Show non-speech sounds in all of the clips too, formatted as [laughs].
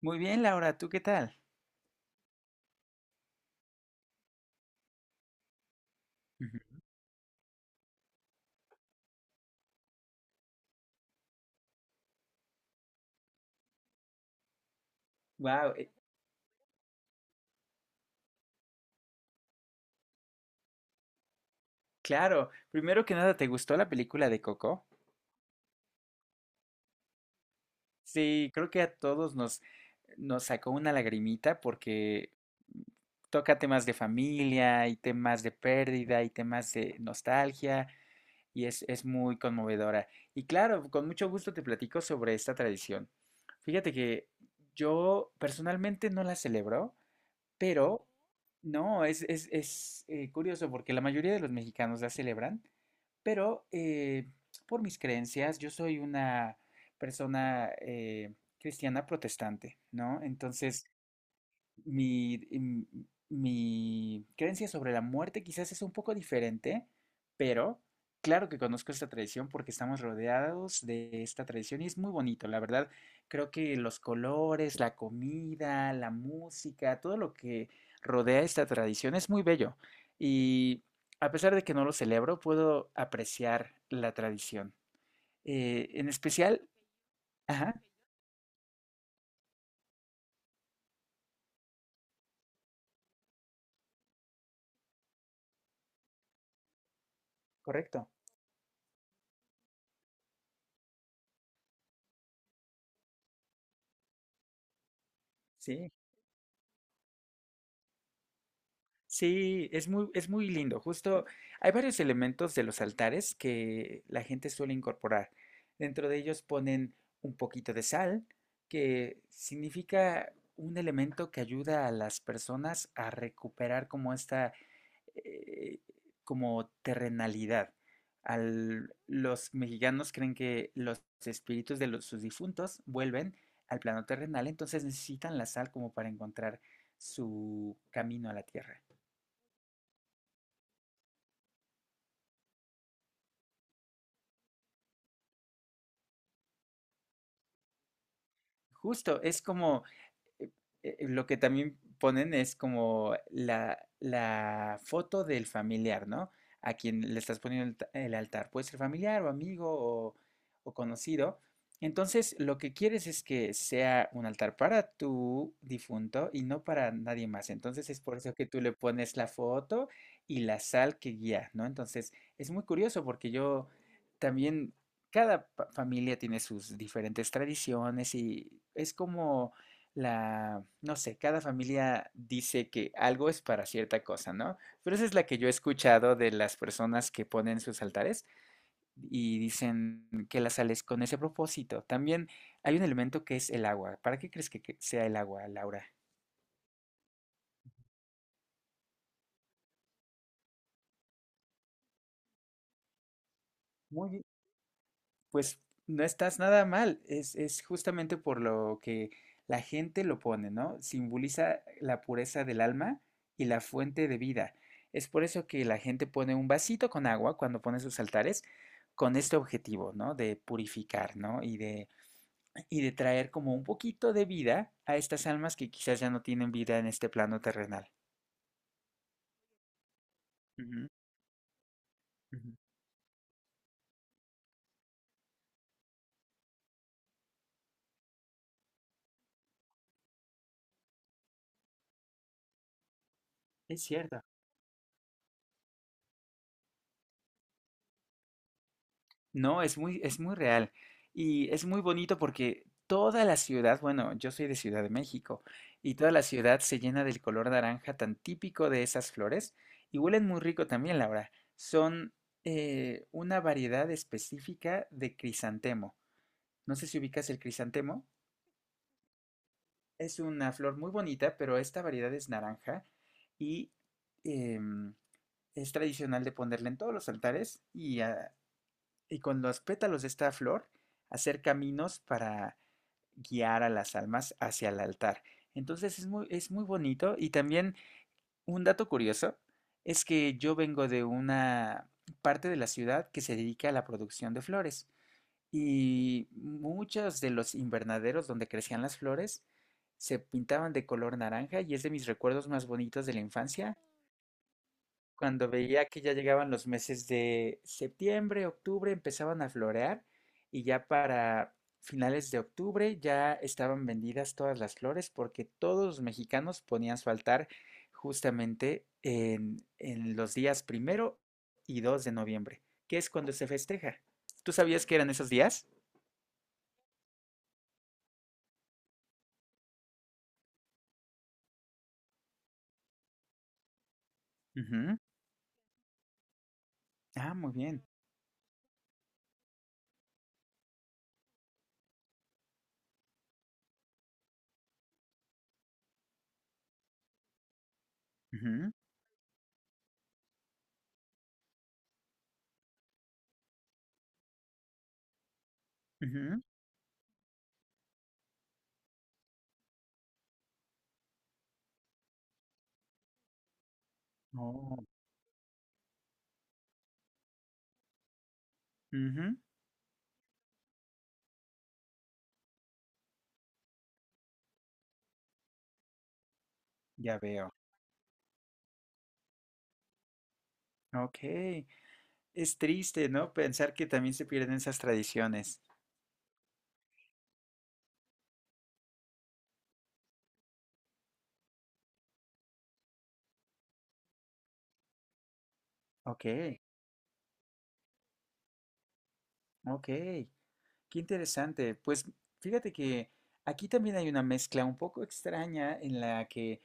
Muy bien, Laura, ¿tú qué tal? Wow, claro. Primero que nada, ¿te gustó la película de Coco? Sí, creo que a nos sacó una lagrimita porque toca temas de familia y temas de pérdida y temas de nostalgia y es muy conmovedora. Y claro, con mucho gusto te platico sobre esta tradición. Fíjate que yo personalmente no la celebro, pero no, es curioso porque la mayoría de los mexicanos la celebran. Pero por mis creencias, yo soy una persona cristiana protestante, ¿no? Entonces, mi, em, mi creencia sobre la muerte quizás es un poco diferente, pero claro que conozco esta tradición porque estamos rodeados de esta tradición y es muy bonito. La verdad, creo que los colores, la comida, la música, todo lo que rodea esta tradición es muy bello. Y a pesar de que no lo celebro, puedo apreciar la tradición. En especial, ajá, correcto, sí. Sí, es muy lindo. Justo hay varios elementos de los altares que la gente suele incorporar. Dentro de ellos ponen un poquito de sal, que significa un elemento que ayuda a las personas a recuperar como eh, como terrenalidad. Los mexicanos creen que los espíritus de sus difuntos vuelven al plano terrenal, entonces necesitan la sal como para encontrar su camino a la tierra. Justo, eh, lo que también ponen es como la foto del familiar, ¿no? A quien le estás poniendo el altar. Puede ser familiar o amigo o conocido. Entonces, lo que quieres es que sea un altar para tu difunto y no para nadie más. Entonces, es por eso que tú le pones la foto y la sal que guía, ¿no? Entonces, es muy curioso porque yo también, familia tiene sus diferentes tradiciones y es como no sé, cada familia dice que algo es para cierta cosa, ¿no? Pero esa es la que yo he escuchado de las personas que ponen sus altares y dicen que la sal es con ese propósito. También hay un elemento que es el agua. ¿Para qué crees que sea el agua, Laura? Muy. Pues no estás nada mal, es justamente por lo que la gente lo pone, ¿no? Simboliza la pureza del alma y la fuente de vida. Es por eso que la gente pone un vasito con agua cuando pone sus altares con este objetivo, ¿no? De purificar, ¿no? Y de traer como un poquito de vida a estas almas que quizás ya no tienen vida en este plano terrenal. Ujú, ujú. Es cierto. No, es muy real y es muy bonito porque toda la ciudad, bueno, yo soy de Ciudad de México y toda la ciudad se llena del color naranja tan típico de esas flores y huelen muy rico también, Laura. Son una variedad específica de crisantemo. No sé si ubicas el crisantemo. Es una flor muy bonita, pero esta variedad es naranja y em, es tradicional de ponerla en todos los altares y con los pétalos de esta flor hacer caminos para guiar a las almas hacia el altar. Entonces es muy bonito y también un dato curioso es que yo vengo de una parte de la ciudad que se dedica a la producción de flores y muchos de los invernaderos donde crecían las flores se pintaban de color naranja y es de mis recuerdos más bonitos de la infancia cuando veía que ya llegaban los meses de septiembre, octubre, empezaban a florear y ya para finales de octubre ya estaban vendidas todas las flores porque todos los mexicanos ponían su altar justamente en los días primero y 2 de noviembre, que es cuando se festeja. ¿Tú sabías que eran esos días? Ujú. Ah, muy bien. Ujú, ujú. Oh, ujú. Ya veo. Ok. Es triste, ¿no? Pensar que también se pierden esas tradiciones. Ok, ok. Qué interesante. Pues fíjate que aquí también hay una mezcla un poco extraña en la que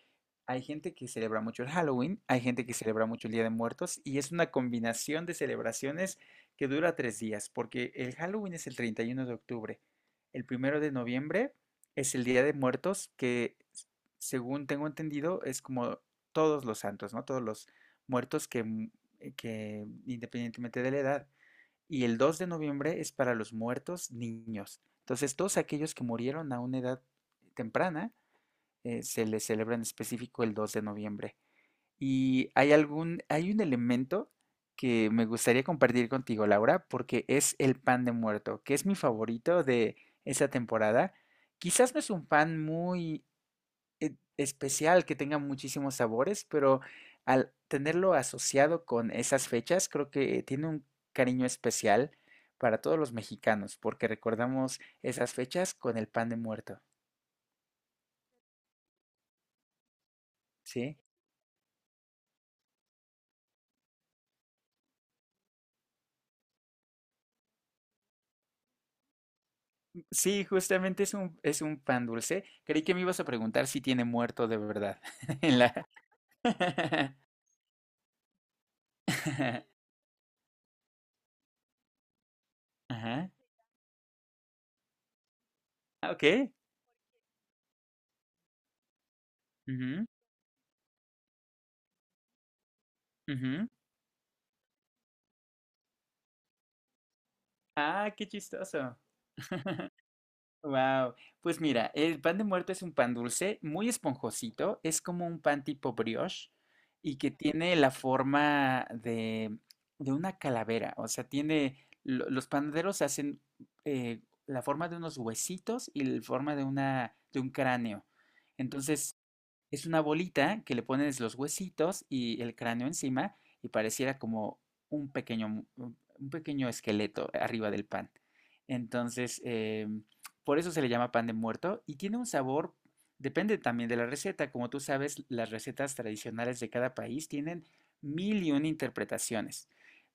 hay gente que celebra mucho el Halloween, hay gente que celebra mucho el Día de Muertos y es una combinación de celebraciones que dura tres días, porque el Halloween es el 31 de octubre, el primero de noviembre es el Día de Muertos, según tengo entendido es como todos los santos, ¿no? Todos los muertos que independientemente de la edad. Y el 2 de noviembre es para los muertos niños. Entonces, todos aquellos que murieron a una edad temprana, se les celebra en específico el 2 de noviembre. Y hay un elemento que me gustaría compartir contigo, Laura, porque es el pan de muerto, que es mi favorito de esa temporada. Quizás no es un pan muy especial, que tenga muchísimos sabores, pero al tenerlo asociado con esas fechas, creo que tiene un cariño especial para todos los mexicanos, porque recordamos esas fechas con el pan de muerto, ¿sí? Sí, justamente es un pan dulce. Creí que me ibas a preguntar si tiene muerto de verdad. [laughs] En la... [laughs] Ajá. Ah, ok. Ujú, ujú. Ah, qué chistoso. [laughs] Wow, pues mira, el pan de muerto es un pan dulce, muy esponjosito, es como un pan tipo brioche y que tiene la forma de una calavera, o sea, tiene, los panaderos hacen eh, la forma de unos huesitos y la forma de de un cráneo. Entonces es una bolita que le pones los huesitos y el cráneo encima y pareciera como un pequeño, un pequeño esqueleto arriba del pan. Entonces, por eso se le llama pan de muerto y tiene un sabor, depende también de la receta. Como tú sabes, las recetas tradicionales de cada país tienen mil y una interpretaciones.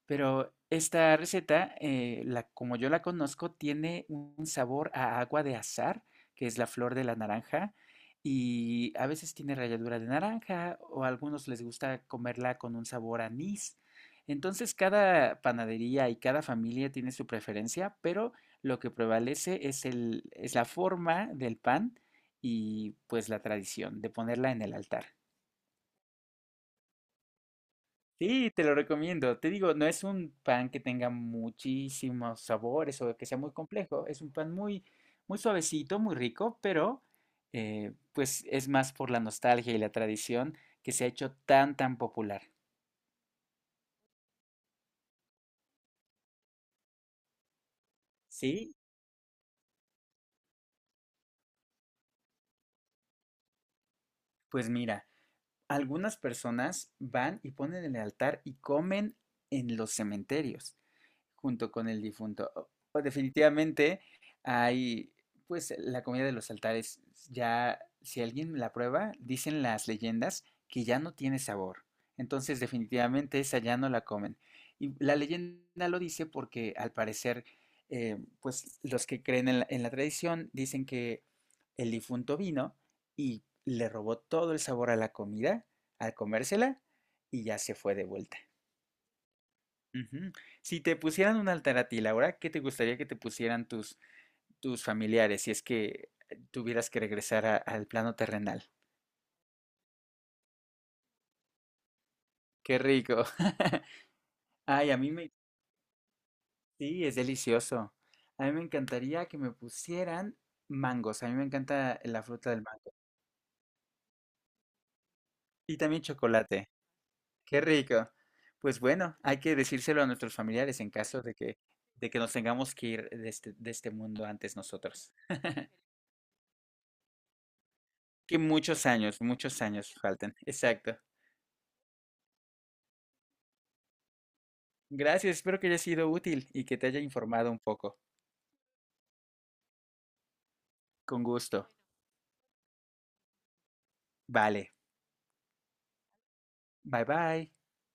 Pero esta receta, como yo la conozco, tiene un sabor a agua de azahar, que es la flor de la naranja y a veces tiene ralladura de naranja o a algunos les gusta comerla con un sabor anís. Entonces cada panadería y cada familia tiene su preferencia, pero lo que prevalece es la forma del pan y pues la tradición de ponerla en el altar. Sí, te lo recomiendo. Te digo, no es un pan que tenga muchísimos sabores o que sea muy complejo. Es un pan muy suavecito, muy rico, pero pues es más por la nostalgia y la tradición que se ha hecho tan popular. Sí, pues mira, algunas personas van y ponen en el altar y comen en los cementerios. Junto con el difunto. Definitivamente hay, pues la comida de los altares, ya si alguien la prueba, dicen las leyendas que ya no tiene sabor. Entonces definitivamente esa ya no la comen. Y la leyenda lo dice porque al parecer, pues los que creen en en la tradición dicen que el difunto vino y le robó todo el sabor a la comida al comérsela y ya se fue de vuelta. Ujú. Si te pusieran un altar a ti, Laura, ¿qué te gustaría que te pusieran tus familiares si es que tuvieras que regresar al plano terrenal? ¡Qué rico! [laughs] Ay, a mí me... Sí, es delicioso. A mí me encantaría que me pusieran mangos. A mí me encanta la fruta del mango. Y también chocolate. ¡Qué rico! Pues bueno, hay que decírselo a nuestros familiares en caso de que nos tengamos que ir de este mundo antes nosotros. Que muchos años faltan. Exacto. Gracias, espero que haya sido útil y que te haya informado un poco. Con gusto. Vale, bye bye.